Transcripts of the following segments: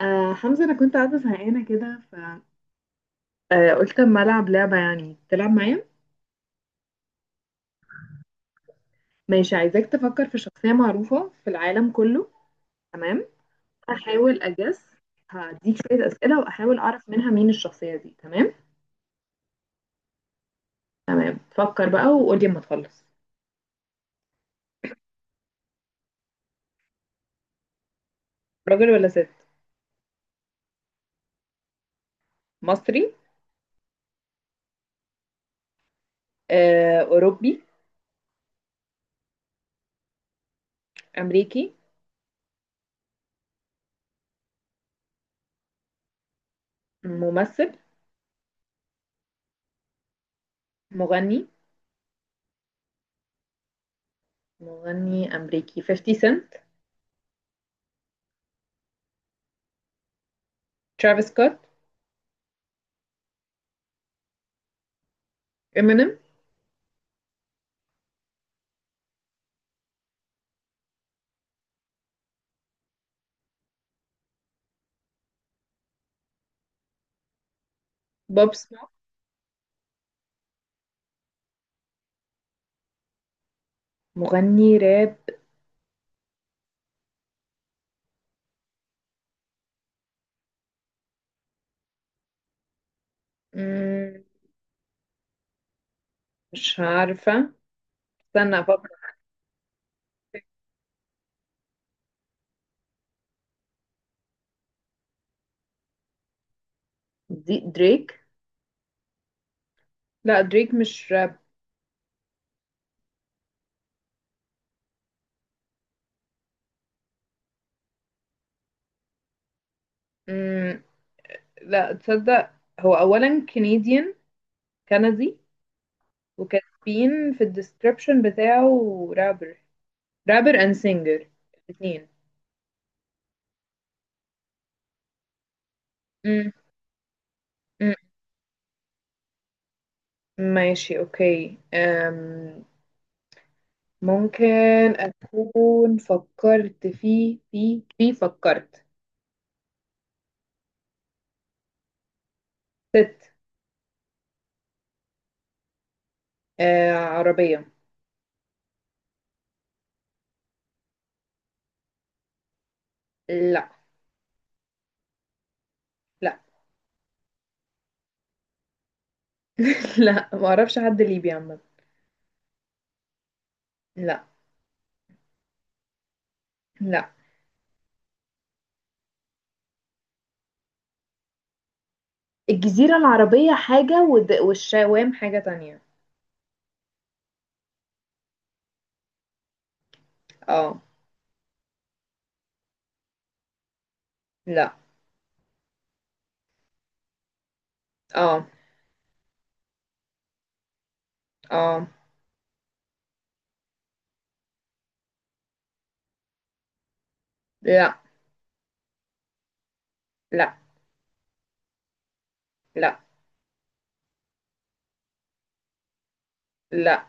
حمزة، أنا كنت قاعدة زهقانة كده، ف قلت أما ألعب لعبة. يعني تلعب معايا؟ ماشي، عايزاك تفكر في شخصية معروفة في العالم كله. تمام. أحاول أجس، هديك شوية أسئلة وأحاول أعرف منها مين الشخصية دي. تمام تمام، فكر بقى وقولي أما تخلص. راجل ولا ست؟ مصري؟ أوروبي؟ أمريكي؟ ممثل؟ مغني؟ مغني أمريكي 50 سنت؟ ترافيس سكوت؟ إمينيم؟ بوب سموك؟ مغني راب؟ مم، مش عارفة، استنى افكر. دي دريك؟ لا، دريك مش راب. مم. لا تصدق، هو اولا كنديان، كندي، وكاتبين في الديسكربشن بتاعه رابر، رابر اند سينجر الاثنين. مم. مم. ماشي اوكي. ممكن اكون فكرت في فكرت. ست. عربية. لا. لا. لا، ما اعرفش حد ليبي عامة. لا. لا. الجزيرة العربية حاجة، والشوام حاجة تانية. اه. لا. اه. اه. لا. لا. لا. لا.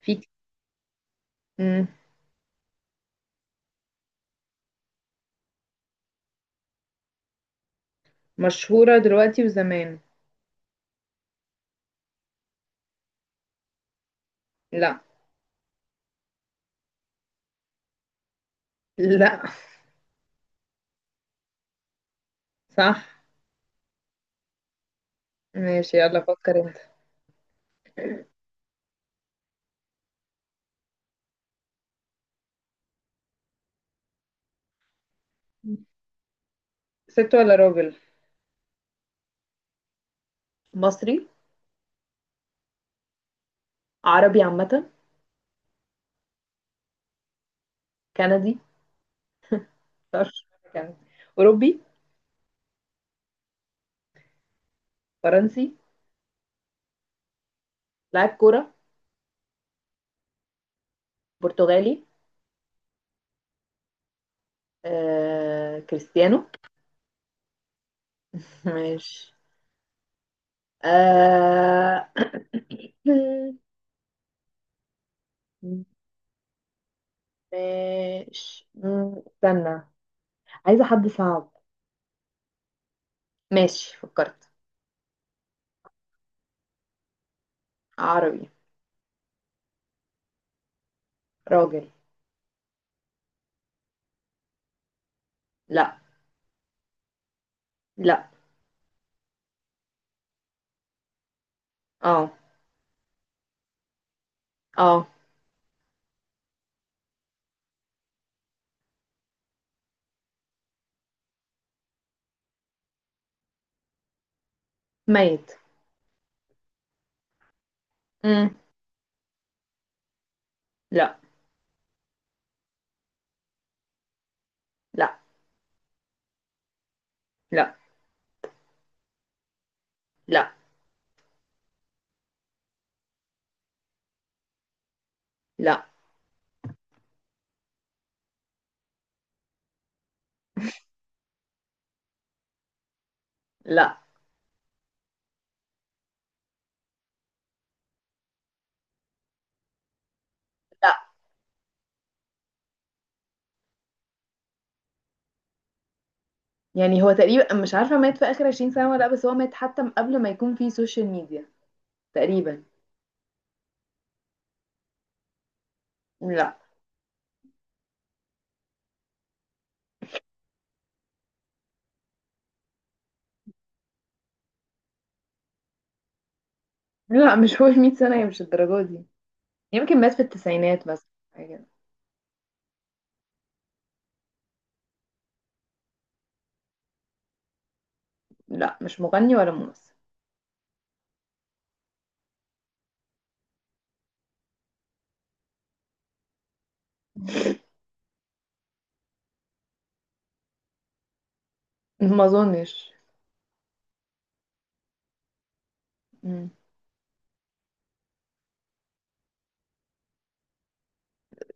في ك-. مم. مشهورة دلوقتي وزمان. لا. لا. صح. ماشي، يلا فكر انت. ست ولا راجل؟ مصري؟ عربي عامة؟ كندي؟ طرش. كندي. أوروبي؟ فرنسي؟ لاعب كورة؟ برتغالي؟ كريستيانو؟ ماشي. آه... ماشي. استنى، عايزة حد صعب. ماشي، فكرت. عربي. راجل. لا. لا. اه. اه. ميت. مم. لا. لا. لا. لا. لا. لا. لا. يعني هو تقريبا مش عارفة مات في آخر 20 سنة ولا لأ، بس هو مات حتى من قبل ما يكون في سوشيال ميديا تقريبا. لا. لا، مش هو 100 سنة، هي مش الدرجة دي. يمكن مات في التسعينات مثلا، حاجة كده. لا، مش مغني ولا ممثل. ما أظنش.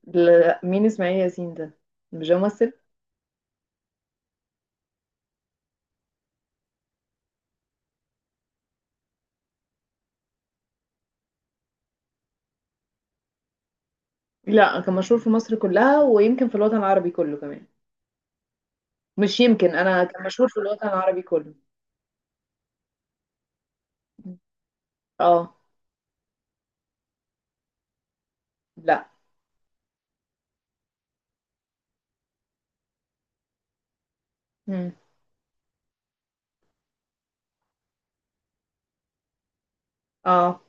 لا، مين اسماعيل ياسين ده؟ مش ده ممثل؟ لا، كان مشهور في مصر كلها ويمكن في الوطن العربي كله كمان. مش يمكن، انا كان مشهور في الوطن العربي كله. اه. لا. مم. اه.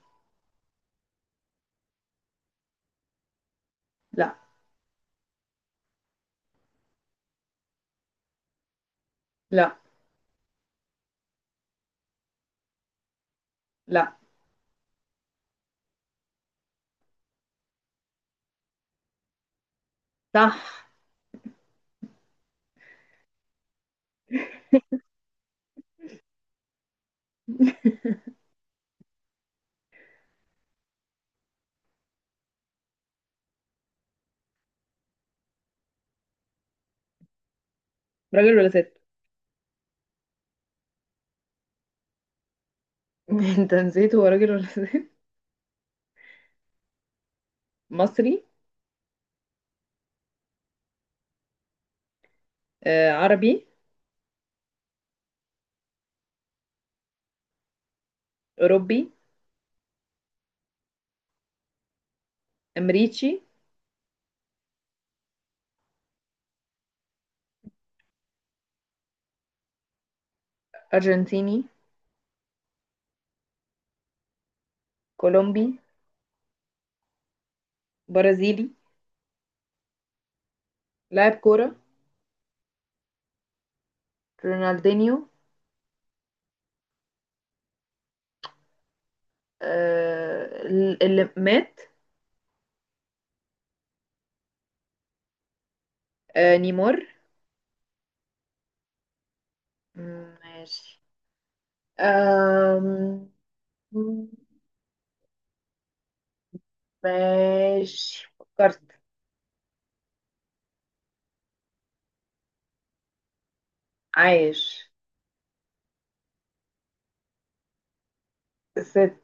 لا. لا. لا. صح. راجل ولا ست؟ انت نسيت هو راجل ولا ست. مصري؟ عربي؟ اوروبي؟ امريكي؟ ارجنتيني؟ كولومبي؟ برازيلي؟ لاعب كورة؟ رونالدينيو؟ آه، اللي مات؟ آه، نيمار؟ ماشي. أم... ماشي، فكرت. عايش. ست.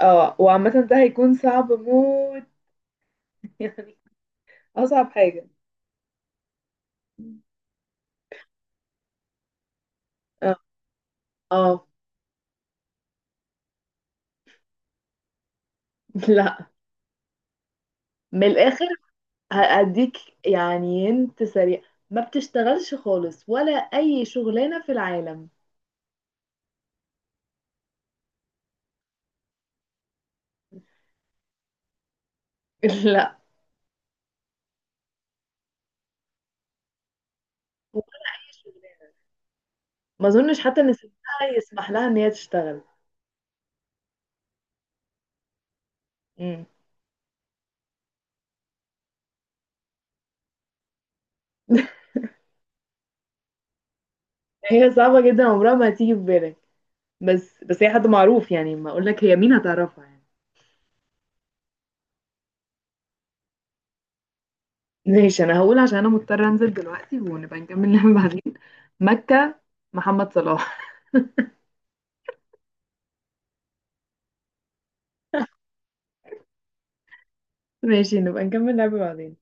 اه، وعامة ده هيكون صعب موت. يعني أصعب حاجة. اه. آه. لا. من الآخر. هأديك، يعني انت سريع. ما بتشتغلش خالص ولا أي شغلانة في العالم؟ لا. ولا أي شغلانة، ما أظنش حتى إن سنها يسمح لها إن هي تشتغل. مم. هي صعبة جدا، عمرها ما هتيجي في بالك. بس هي حد معروف يعني، ما اقول لك هي مين هتعرفها يعني. ماشي، انا هقول عشان انا مضطرة انزل دلوقتي ونبقى نكمل لعبة بعدين. مكة. محمد صلاح. ماشي، نبقى نكمل لعبة بعدين.